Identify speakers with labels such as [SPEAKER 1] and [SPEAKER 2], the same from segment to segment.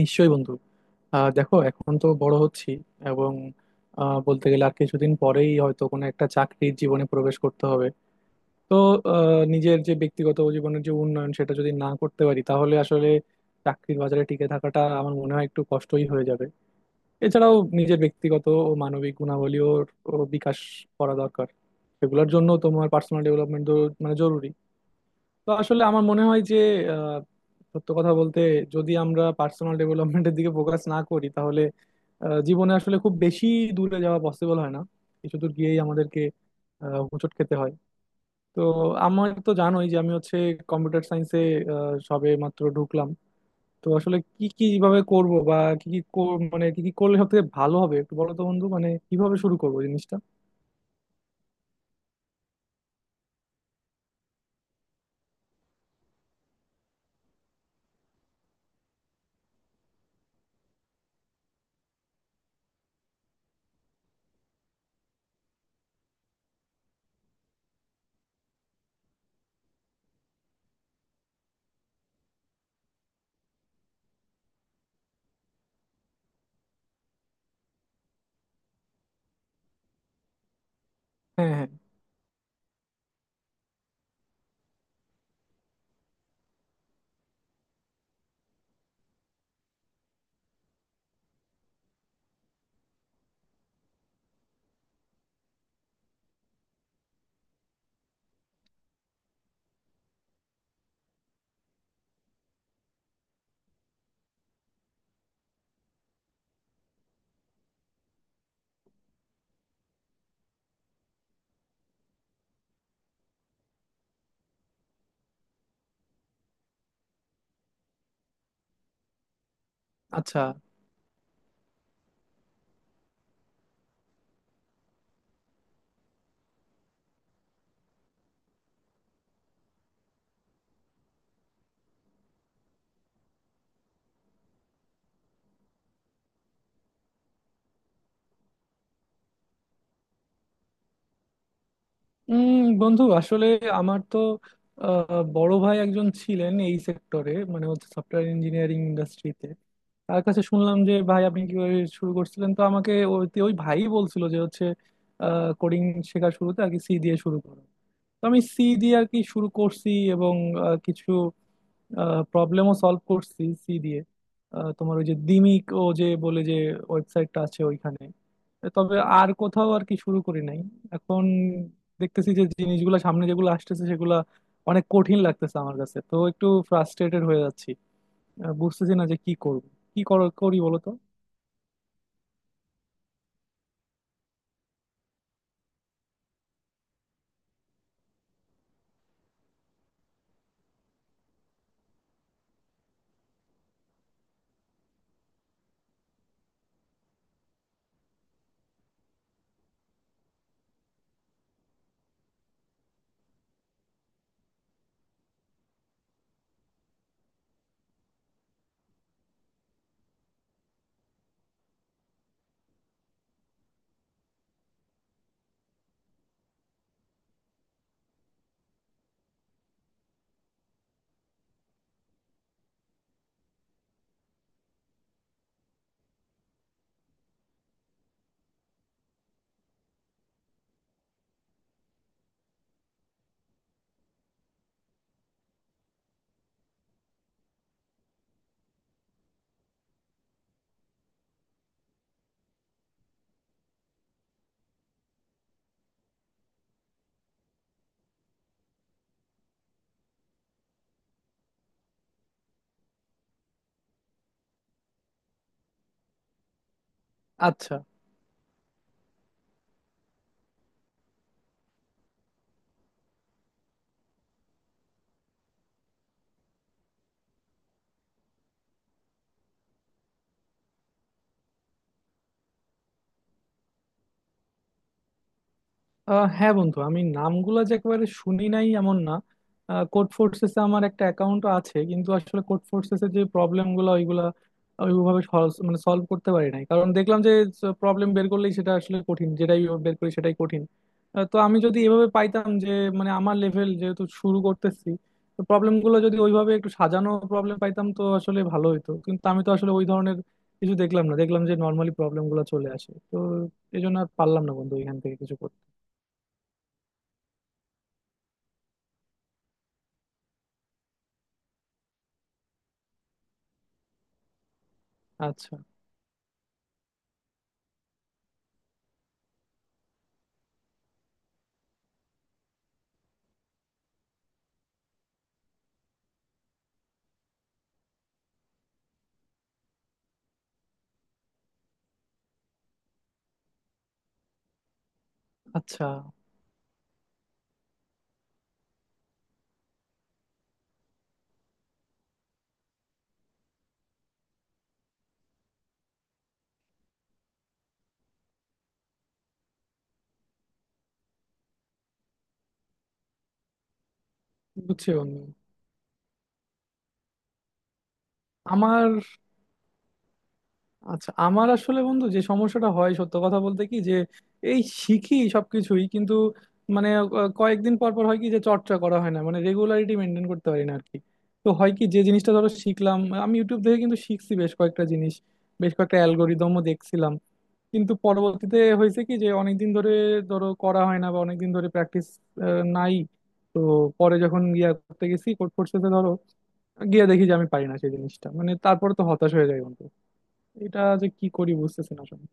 [SPEAKER 1] নিশ্চয়ই বন্ধু। দেখো, এখন তো বড় হচ্ছি, এবং বলতে গেলে আর কিছুদিন পরেই হয়তো কোনো একটা চাকরির জীবনে প্রবেশ করতে হবে। তো নিজের যে ব্যক্তিগত জীবনের যে উন্নয়ন, সেটা যদি না করতে পারি তাহলে আসলে চাকরির বাজারে টিকে থাকাটা আমার মনে হয় একটু কষ্টই হয়ে যাবে। এছাড়াও নিজের ব্যক্তিগত ও মানবিক গুণাবলীও ও বিকাশ করা দরকার। সেগুলোর জন্য তোমার পার্সোনাল ডেভেলপমেন্ট মানে জরুরি। তো আসলে আমার মনে হয় যে, সত্য কথা বলতে, যদি আমরা পার্সোনাল ডেভেলপমেন্টের দিকে ফোকাস না করি তাহলে জীবনে আসলে খুব বেশি দূরে যাওয়া পসিবল হয় না। কিছু দূর গিয়েই আমাদেরকে হোঁচট খেতে হয়। তো আমার তো জানোই যে আমি হচ্ছে কম্পিউটার সায়েন্সে সবে মাত্র ঢুকলাম। তো আসলে কি কি কিভাবে করব, বা কি কি কর- মানে কি কি করলে সব থেকে ভালো হবে একটু বলো তো বন্ধু, মানে কিভাবে শুরু করবো জিনিসটা? হ্যাঁ, হ্যাঁ। আচ্ছা। উম বন্ধু আসলে আমার তো বড় ভাই একজন ছিলেন এই সেক্টরে, মানে হচ্ছে সফটওয়্যার ইঞ্জিনিয়ারিং ইন্ডাস্ট্রিতে। তার কাছে শুনলাম যে ভাই আপনি কিভাবে শুরু করছিলেন, তো আমাকে ওই ওই ভাই বলছিল যে হচ্ছে কোডিং শেখার শুরুতে আর কি সি দিয়ে শুরু করো। তো আমি সি দিয়ে আর কি শুরু করছি, এবং কিছু প্রবলেমও সলভ করছি সি দিয়ে। তোমার ওই যে দিমিক ও যে বলে যে ওয়েবসাইটটা আছে, ওইখানে। তবে আর কোথাও আর কি শুরু করি নাই। এখন দেখতেছি যে জিনিসগুলো সামনে যেগুলো আসতেছে সেগুলা অনেক কঠিন লাগতেছে আমার কাছে, তো একটু ফ্রাস্ট্রেটেড হয়ে যাচ্ছি। বুঝতেছি না যে কি করব। করি বলো তো? আচ্ছা। হ্যাঁ বন্ধু, আমি নামগুলা যে একেবারে শুনি নাই এমন না। কোড ফোর্সেসে আমার একটা অ্যাকাউন্ট আছে, কিন্তু আসলে কোড ফোর্সেসে যে প্রবলেম গুলো ওইগুলা ওইভাবে মানে সলভ করতে পারি নাই, কারণ দেখলাম যে প্রবলেম বের করলেই সেটা আসলে কঠিন, যেটাই বের করি সেটাই কঠিন। তো আমি যদি এভাবে পাইতাম যে, মানে আমার লেভেল যেহেতু শুরু করতেছি, তো প্রবলেম গুলো যদি ওইভাবে একটু সাজানো প্রবলেম পাইতাম তো আসলে ভালো হতো, কিন্তু আমি তো আসলে ওই ধরনের কিছু দেখলাম না, দেখলাম যে নর্মালি প্রবলেম গুলো চলে আসে। তো এই জন্য আর পারলাম না বন্ধু এখান থেকে কিছু করতে। আচ্ছা, আচ্ছা। বুঝছি বন্ধু। আমার আমার আসলে বন্ধু যে সমস্যাটা হয়, সত্য কথা বলতে কি, যে এই শিখি সবকিছুই কিন্তু, মানে কয়েকদিন পর পর হয় কি যে চর্চা করা হয় না, মানে রেগুলারিটি মেনটেন করতে পারি না আর কি। তো হয় কি যে জিনিসটা ধরো শিখলাম, আমি ইউটিউব থেকে কিন্তু শিখছি বেশ কয়েকটা জিনিস, বেশ কয়েকটা অ্যালগোরিদমও দেখছিলাম, কিন্তু পরবর্তীতে হয়েছে কি যে অনেকদিন ধরে ধরো করা হয় না, বা অনেকদিন ধরে প্র্যাকটিস নাই। তো পরে যখন ইয়া করতে গেছি কোর্ট ফোর্সেতে ধরো, গিয়ে দেখি যে আমি পারি না সেই জিনিসটা, মানে তারপর তো হতাশ হয়ে যাই বন্ধু। এটা যে কি করি বুঝতেছি না আসলে।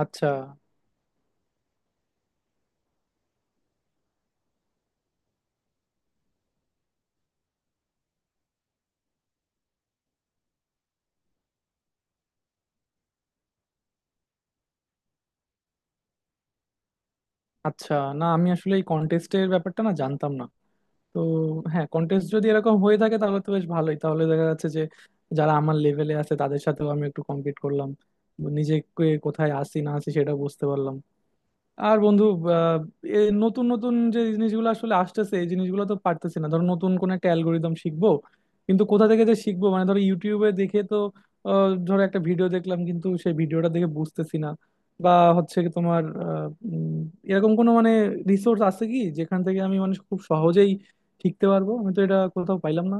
[SPEAKER 1] আচ্ছা, আচ্ছা। না, আমি আসলে এই কন্টেস্টের ব্যাপারটা না জানতাম না। তো হ্যাঁ, কন্টেস্ট যদি এরকম হয়ে থাকে তাহলে তো বেশ ভালোই। তাহলে দেখা যাচ্ছে যে যারা আমার লেভেলে আছে তাদের সাথেও আমি একটু কম্পিট করলাম, নিজেকে কোথায় আসি না আসি সেটা বুঝতে পারলাম। আর বন্ধু, আহ, এ নতুন নতুন যে জিনিসগুলো আসলে আসতেছে এই জিনিসগুলো তো পারতেছি না। ধরো নতুন কোন একটা অ্যালগোরিদম শিখবো, কিন্তু কোথা থেকে যে শিখবো? মানে ধরো ইউটিউবে দেখে তো ধরো একটা ভিডিও দেখলাম, কিন্তু সেই ভিডিওটা দেখে বুঝতেছি না। বা হচ্ছে কি, তোমার উম, এরকম কোনো মানে রিসোর্স আছে কি যেখান থেকে আমি মানে খুব সহজেই শিখতে পারবো? আমি তো এটা কোথাও পাইলাম না।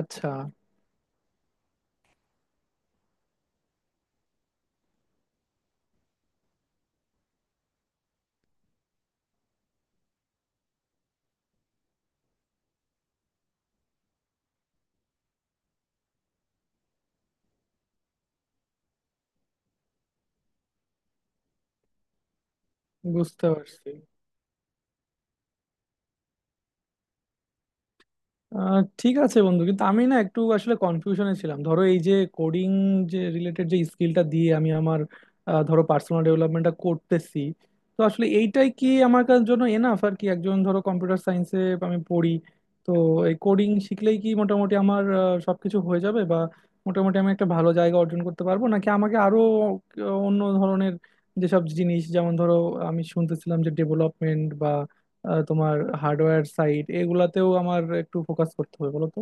[SPEAKER 1] আচ্ছা। বুঝতে পারছি। ঠিক আছে বন্ধু, কিন্তু আমি না একটু আসলে কনফিউশনে ছিলাম। ধরো এই যে কোডিং যে রিলেটেড যে স্কিলটা দিয়ে আমি আমার ধরো পার্সোনাল ডেভেলপমেন্টটা করতেছি, তো আসলে এইটাই কি আমার কার জন্য এনাফ আর কি? একজন ধরো কম্পিউটার সায়েন্সে আমি পড়ি, তো এই কোডিং শিখলেই কি মোটামুটি আমার সবকিছু হয়ে যাবে, বা মোটামুটি আমি একটা ভালো জায়গা অর্জন করতে পারবো? নাকি আমাকে আরো অন্য ধরনের যেসব জিনিস, যেমন ধরো আমি শুনতেছিলাম যে ডেভেলপমেন্ট, তোমার হার্ডওয়্যার সাইড, এগুলাতেও আমার একটু ফোকাস করতে হবে বলো তো?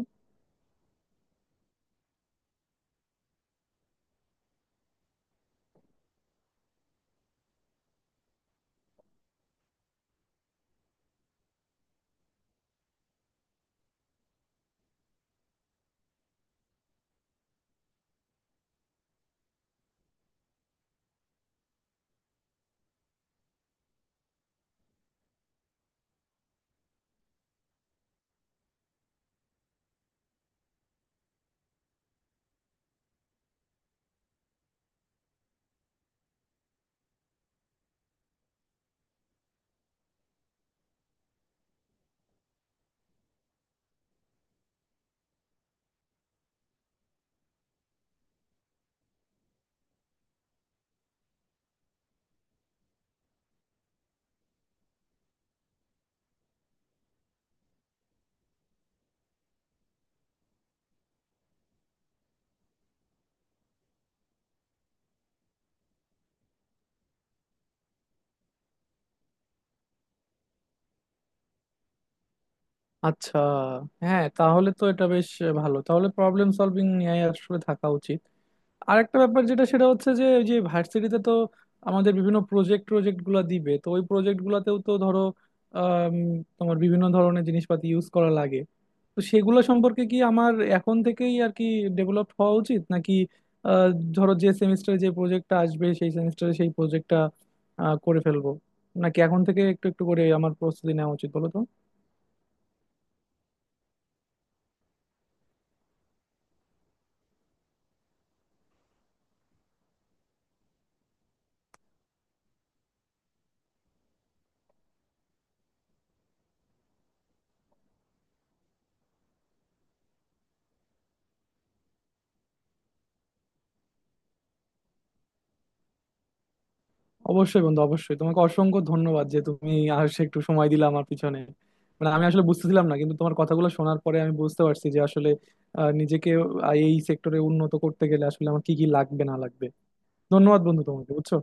[SPEAKER 1] আচ্ছা। হ্যাঁ তাহলে তো এটা বেশ ভালো। তাহলে প্রবলেম সলভিং নিয়ে আসলে থাকা উচিত। আরেকটা ব্যাপার, যেটা সেটা হচ্ছে যে, ওই যে ভার্সিটিতে তো আমাদের বিভিন্ন প্রজেক্ট প্রজেক্ট গুলা দিবে, তো ওই প্রজেক্ট গুলাতেও তো ধরো আম, তোমার বিভিন্ন ধরনের জিনিসপাতি ইউজ করা লাগে। তো সেগুলো সম্পর্কে কি আমার এখন থেকেই আর কি ডেভেলপ হওয়া উচিত? নাকি আহ, ধরো যে সেমিস্টারে যে প্রজেক্টটা আসবে সেই সেমিস্টারে সেই প্রজেক্টটা করে ফেলবো, নাকি এখন থেকে একটু একটু করে আমার প্রস্তুতি নেওয়া উচিত বলো তো? অবশ্যই বন্ধু, অবশ্যই। তোমাকে অসংখ্য ধন্যবাদ যে তুমি আসে একটু সময় দিলে আমার পিছনে। মানে আমি আসলে বুঝতেছিলাম না, কিন্তু তোমার কথাগুলো শোনার পরে আমি বুঝতে পারছি যে আসলে নিজেকে এই সেক্টরে উন্নত করতে গেলে আসলে আমার কি কি লাগবে না লাগবে। ধন্যবাদ বন্ধু তোমাকে, বুঝছো।